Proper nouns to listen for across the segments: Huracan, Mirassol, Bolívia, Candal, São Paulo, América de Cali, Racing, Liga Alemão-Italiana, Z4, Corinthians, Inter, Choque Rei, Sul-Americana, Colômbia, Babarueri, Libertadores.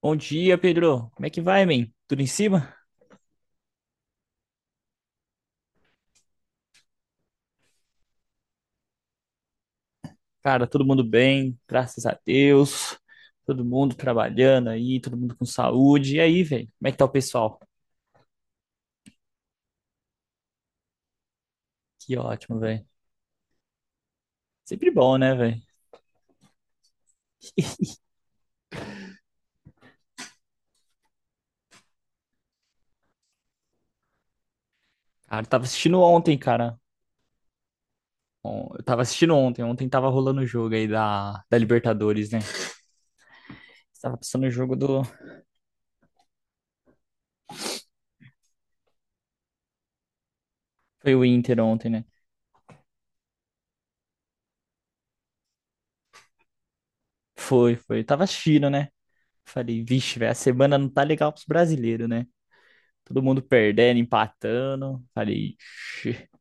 Bom dia, Pedro. Como é que vai, man? Tudo em cima? Cara, todo mundo bem, graças a Deus. Todo mundo trabalhando aí, todo mundo com saúde. E aí, velho? Como é que tá o pessoal? Que ótimo, velho. Sempre bom, né, velho? Cara, eu tava assistindo ontem, cara. Bom, eu tava assistindo ontem. Ontem tava rolando o jogo aí da Libertadores, né? Tava passando o jogo do. Foi o Inter ontem, né? Foi, foi. Eu tava assistindo, né? Falei, vixe, velho, a semana não tá legal pros brasileiros, né? Todo mundo perdendo, empatando. Falei,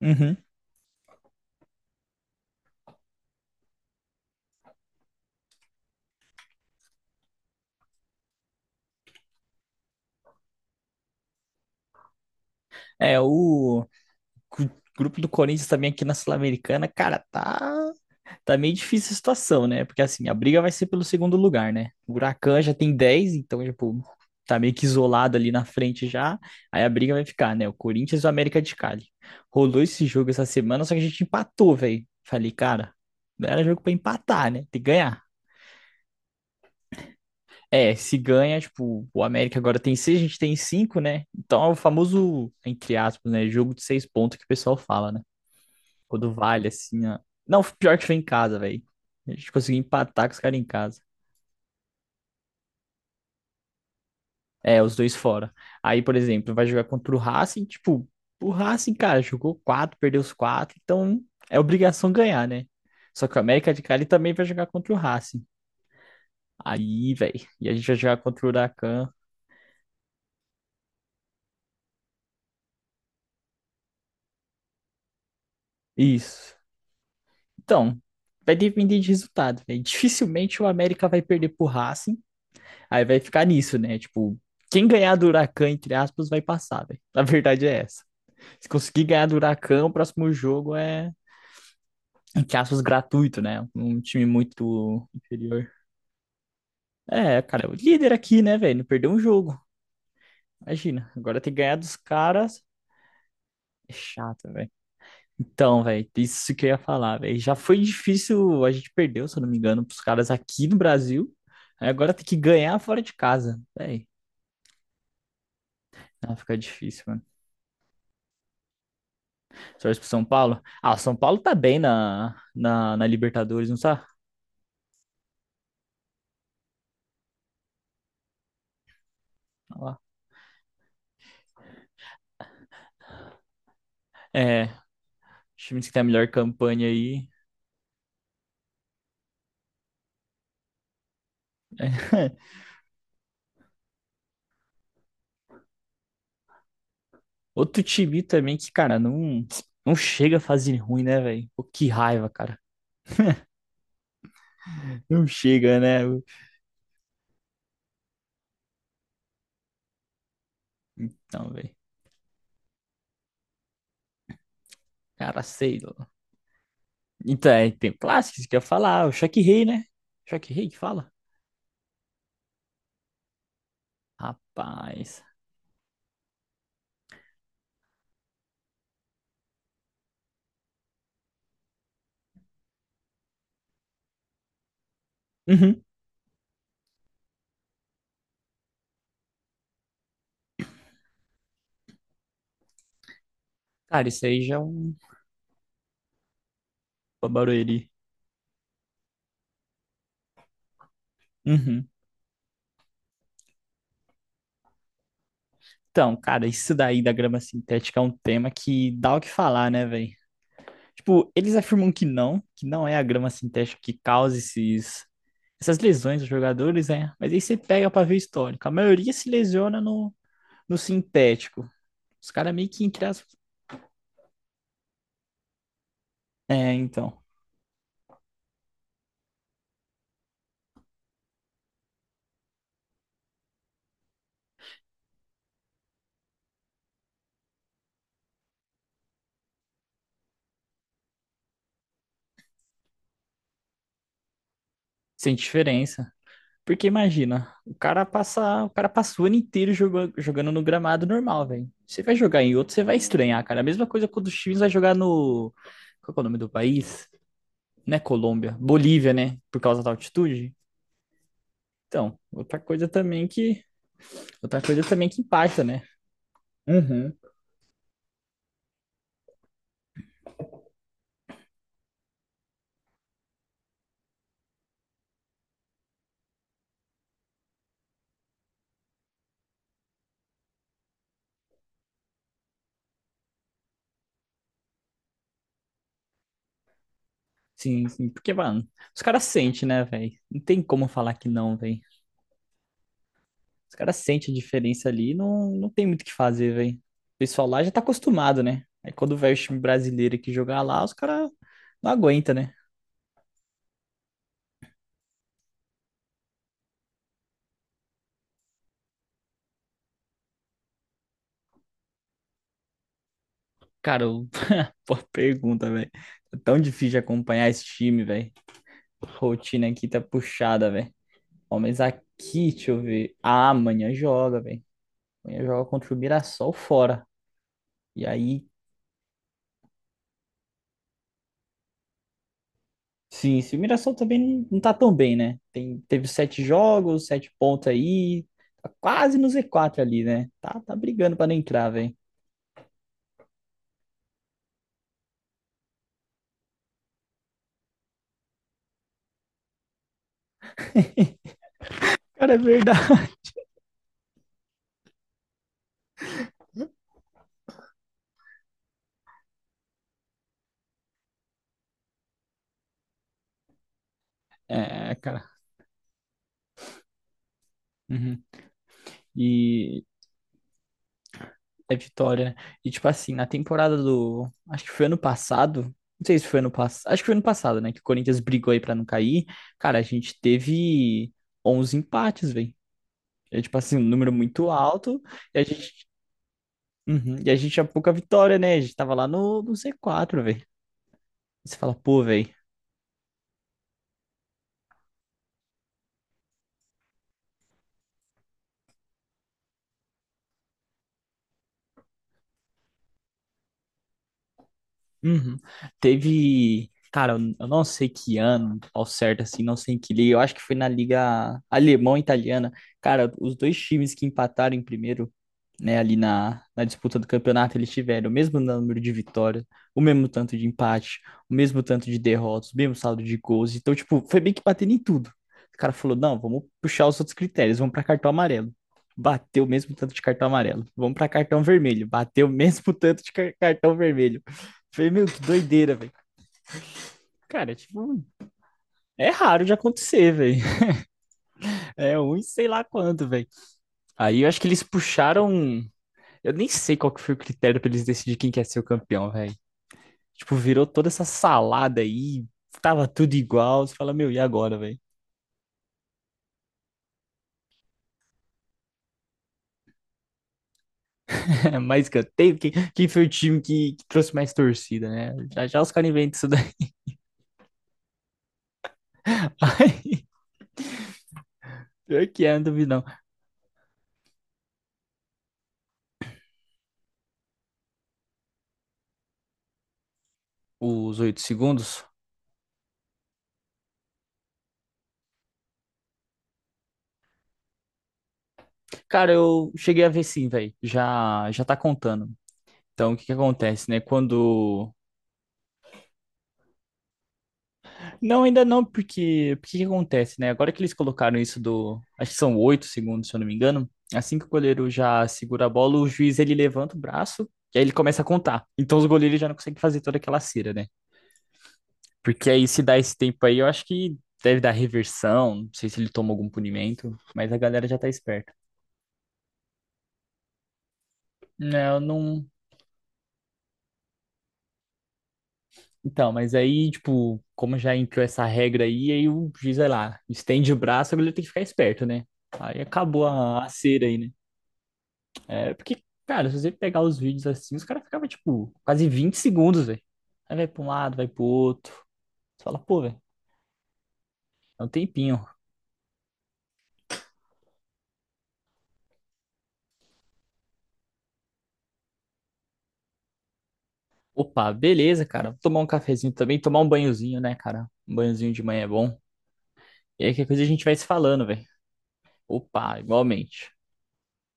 Uhum. É, o gru- grupo do Corinthians também aqui na Sul-Americana, cara, tá meio difícil a situação, né? Porque assim, a briga vai ser pelo segundo lugar, né? O Huracan já tem 10, então, tipo, tá meio que isolado ali na frente já. Aí a briga vai ficar, né? O Corinthians e o América de Cali. Rolou esse jogo essa semana, só que a gente empatou, velho. Falei, cara, não era jogo pra empatar, né? Tem que ganhar. É, se ganha, tipo, o América agora tem seis, a gente tem cinco, né? Então é o famoso, entre aspas, né? Jogo de seis pontos que o pessoal fala, né? Quando vale, assim, ó. Não, pior que foi em casa, velho. A gente conseguiu empatar com os caras em casa. É, os dois fora. Aí, por exemplo, vai jogar contra o Racing, tipo, o Racing, cara, jogou quatro, perdeu os quatro, então é obrigação ganhar, né? Só que o América de Cali também vai jogar contra o Racing. Aí, velho, e a gente vai jogar contra o Huracan. Isso. Então, vai depender de resultado, velho. Dificilmente o América vai perder pro Racing. Aí vai ficar nisso, né? Tipo, quem ganhar do Huracan, entre aspas, vai passar, velho. A verdade é essa. Se conseguir ganhar do Huracan, o próximo jogo é, entre aspas, gratuito, né? Um time muito inferior. É, cara, o líder aqui, né, velho? Não perdeu um jogo. Imagina. Agora tem que ganhar dos caras. É chato, velho. Então, velho, isso que eu ia falar, velho. Já foi difícil, a gente perdeu, se eu não me engano, pros caras aqui no Brasil. Aí agora tem que ganhar fora de casa, velho. Ah, fica difícil, mano. Sorte pro São Paulo. Ah, o São Paulo tá bem na Libertadores, não tá? Olha lá. É, os times que tem a melhor campanha aí. É. Outro time também que, cara, não, não chega a fazer ruim, né, velho? Pô, que raiva, cara. Não chega, né? Então, velho. Cara, sei lá. Então, é, tem clássicos que eu ia falar. O Choque Rei, né? Choque Rei que fala? Rapaz. Uhum. Cara, isso aí já é um babarueri. Uhum. Então, cara, isso daí da grama sintética é um tema que dá o que falar, né, velho? Tipo, eles afirmam que não é a grama sintética que causa esses, essas lesões dos jogadores, né? Mas aí você pega pra ver o histórico. A maioria se lesiona no sintético. Os caras meio que entre as... É, então, sem diferença. Porque imagina, o cara passa, o cara passa o ano inteiro jogando, jogando no gramado normal, velho. Você vai jogar em outro, você vai estranhar, cara. A mesma coisa quando os times vai jogar no, qual que é o nome do país? Não é Colômbia, Bolívia, né? Por causa da altitude. Então, outra coisa também que outra coisa é também que impacta, né? Uhum. Sim, sim. Porque, mano, os caras sentem, né, velho? Não tem como falar que não, velho. Os caras sentem a diferença ali, e não, não tem muito o que fazer, velho. O pessoal lá já tá acostumado, né? Aí quando vai o time brasileiro aqui jogar lá, os caras não aguenta, né? Cara, boa pergunta, velho. É tão difícil de acompanhar esse time, velho. Rotina aqui tá puxada, velho. Ó, mas aqui, deixa eu ver. Ah, amanhã joga, velho. Amanhã joga contra o Mirassol fora. E aí, sim, sim, o Mirassol também não tá tão bem, né? Tem, teve 7 jogos, 7 pontos aí, tá quase no Z4 ali, né? Tá, tá brigando pra não entrar, velho. Cara, é verdade. É, cara. Uhum. E é vitória, né? E tipo assim, na temporada do. Acho que foi ano passado. Não sei se foi ano passado. Acho que foi ano passado, né? Que o Corinthians brigou aí pra não cair. Cara, a gente teve 11 empates, velho. É tipo assim, um número muito alto. E a gente. Uhum. E a gente tinha pouca vitória, né? A gente tava lá no Z4, velho. Você fala, pô, velho. Uhum. Teve. Cara, eu não sei que ano, ao certo, assim, não sei em que liga. Eu acho que foi na Liga Alemão-Italiana. Cara, os dois times que empataram em primeiro, né, ali na disputa do campeonato, eles tiveram o mesmo número de vitórias, o mesmo tanto de empate, o mesmo tanto de derrotas, o mesmo saldo de gols. Então, tipo, foi bem que batendo em tudo. O cara falou: não, vamos puxar os outros critérios, vamos para cartão amarelo. Bateu o mesmo tanto de cartão amarelo. Vamos para cartão vermelho. Bateu o mesmo tanto de cartão vermelho. Falei, meu, que doideira, velho. Cara, tipo, é raro de acontecer, velho. É um e sei lá quanto, velho. Aí eu acho que eles puxaram. Eu nem sei qual que foi o critério pra eles decidirem quem quer ser o campeão, velho. Tipo, virou toda essa salada aí, tava tudo igual. Você fala, meu, e agora, velho? Mais escanteio? Quem, quem foi o time que trouxe mais torcida, né? Já já os caras inventam isso daí. Ai, pior que é, não duvido não. Os 8 segundos. Cara, eu cheguei a ver sim, velho. Já, já tá contando. Então, o que que acontece, né? Quando não, ainda não, porque que acontece, né? Agora que eles colocaram isso do, acho que são 8 segundos, se eu não me engano, assim que o goleiro já segura a bola, o juiz ele levanta o braço e aí ele começa a contar. Então os goleiros já não conseguem fazer toda aquela cera, né? Porque aí se dá esse tempo aí, eu acho que deve dar reversão, não sei se ele toma algum punimento, mas a galera já tá esperta. Não, eu não. Então, mas aí, tipo, como já entrou essa regra aí, aí o juiz vai lá, estende o braço, o goleiro tem que ficar esperto, né? Aí acabou a cera aí, né? É, porque, cara, se você pegar os vídeos assim, os caras ficavam, tipo, quase 20 segundos, velho. Aí vai pra um lado, vai pro outro. Você fala, pô, velho, é um tempinho. Opa, beleza, cara. Vou tomar um cafezinho também, tomar um banhozinho, né, cara? Um banhozinho de manhã é bom. E aí, que coisa a gente vai se falando, velho. Opa, igualmente.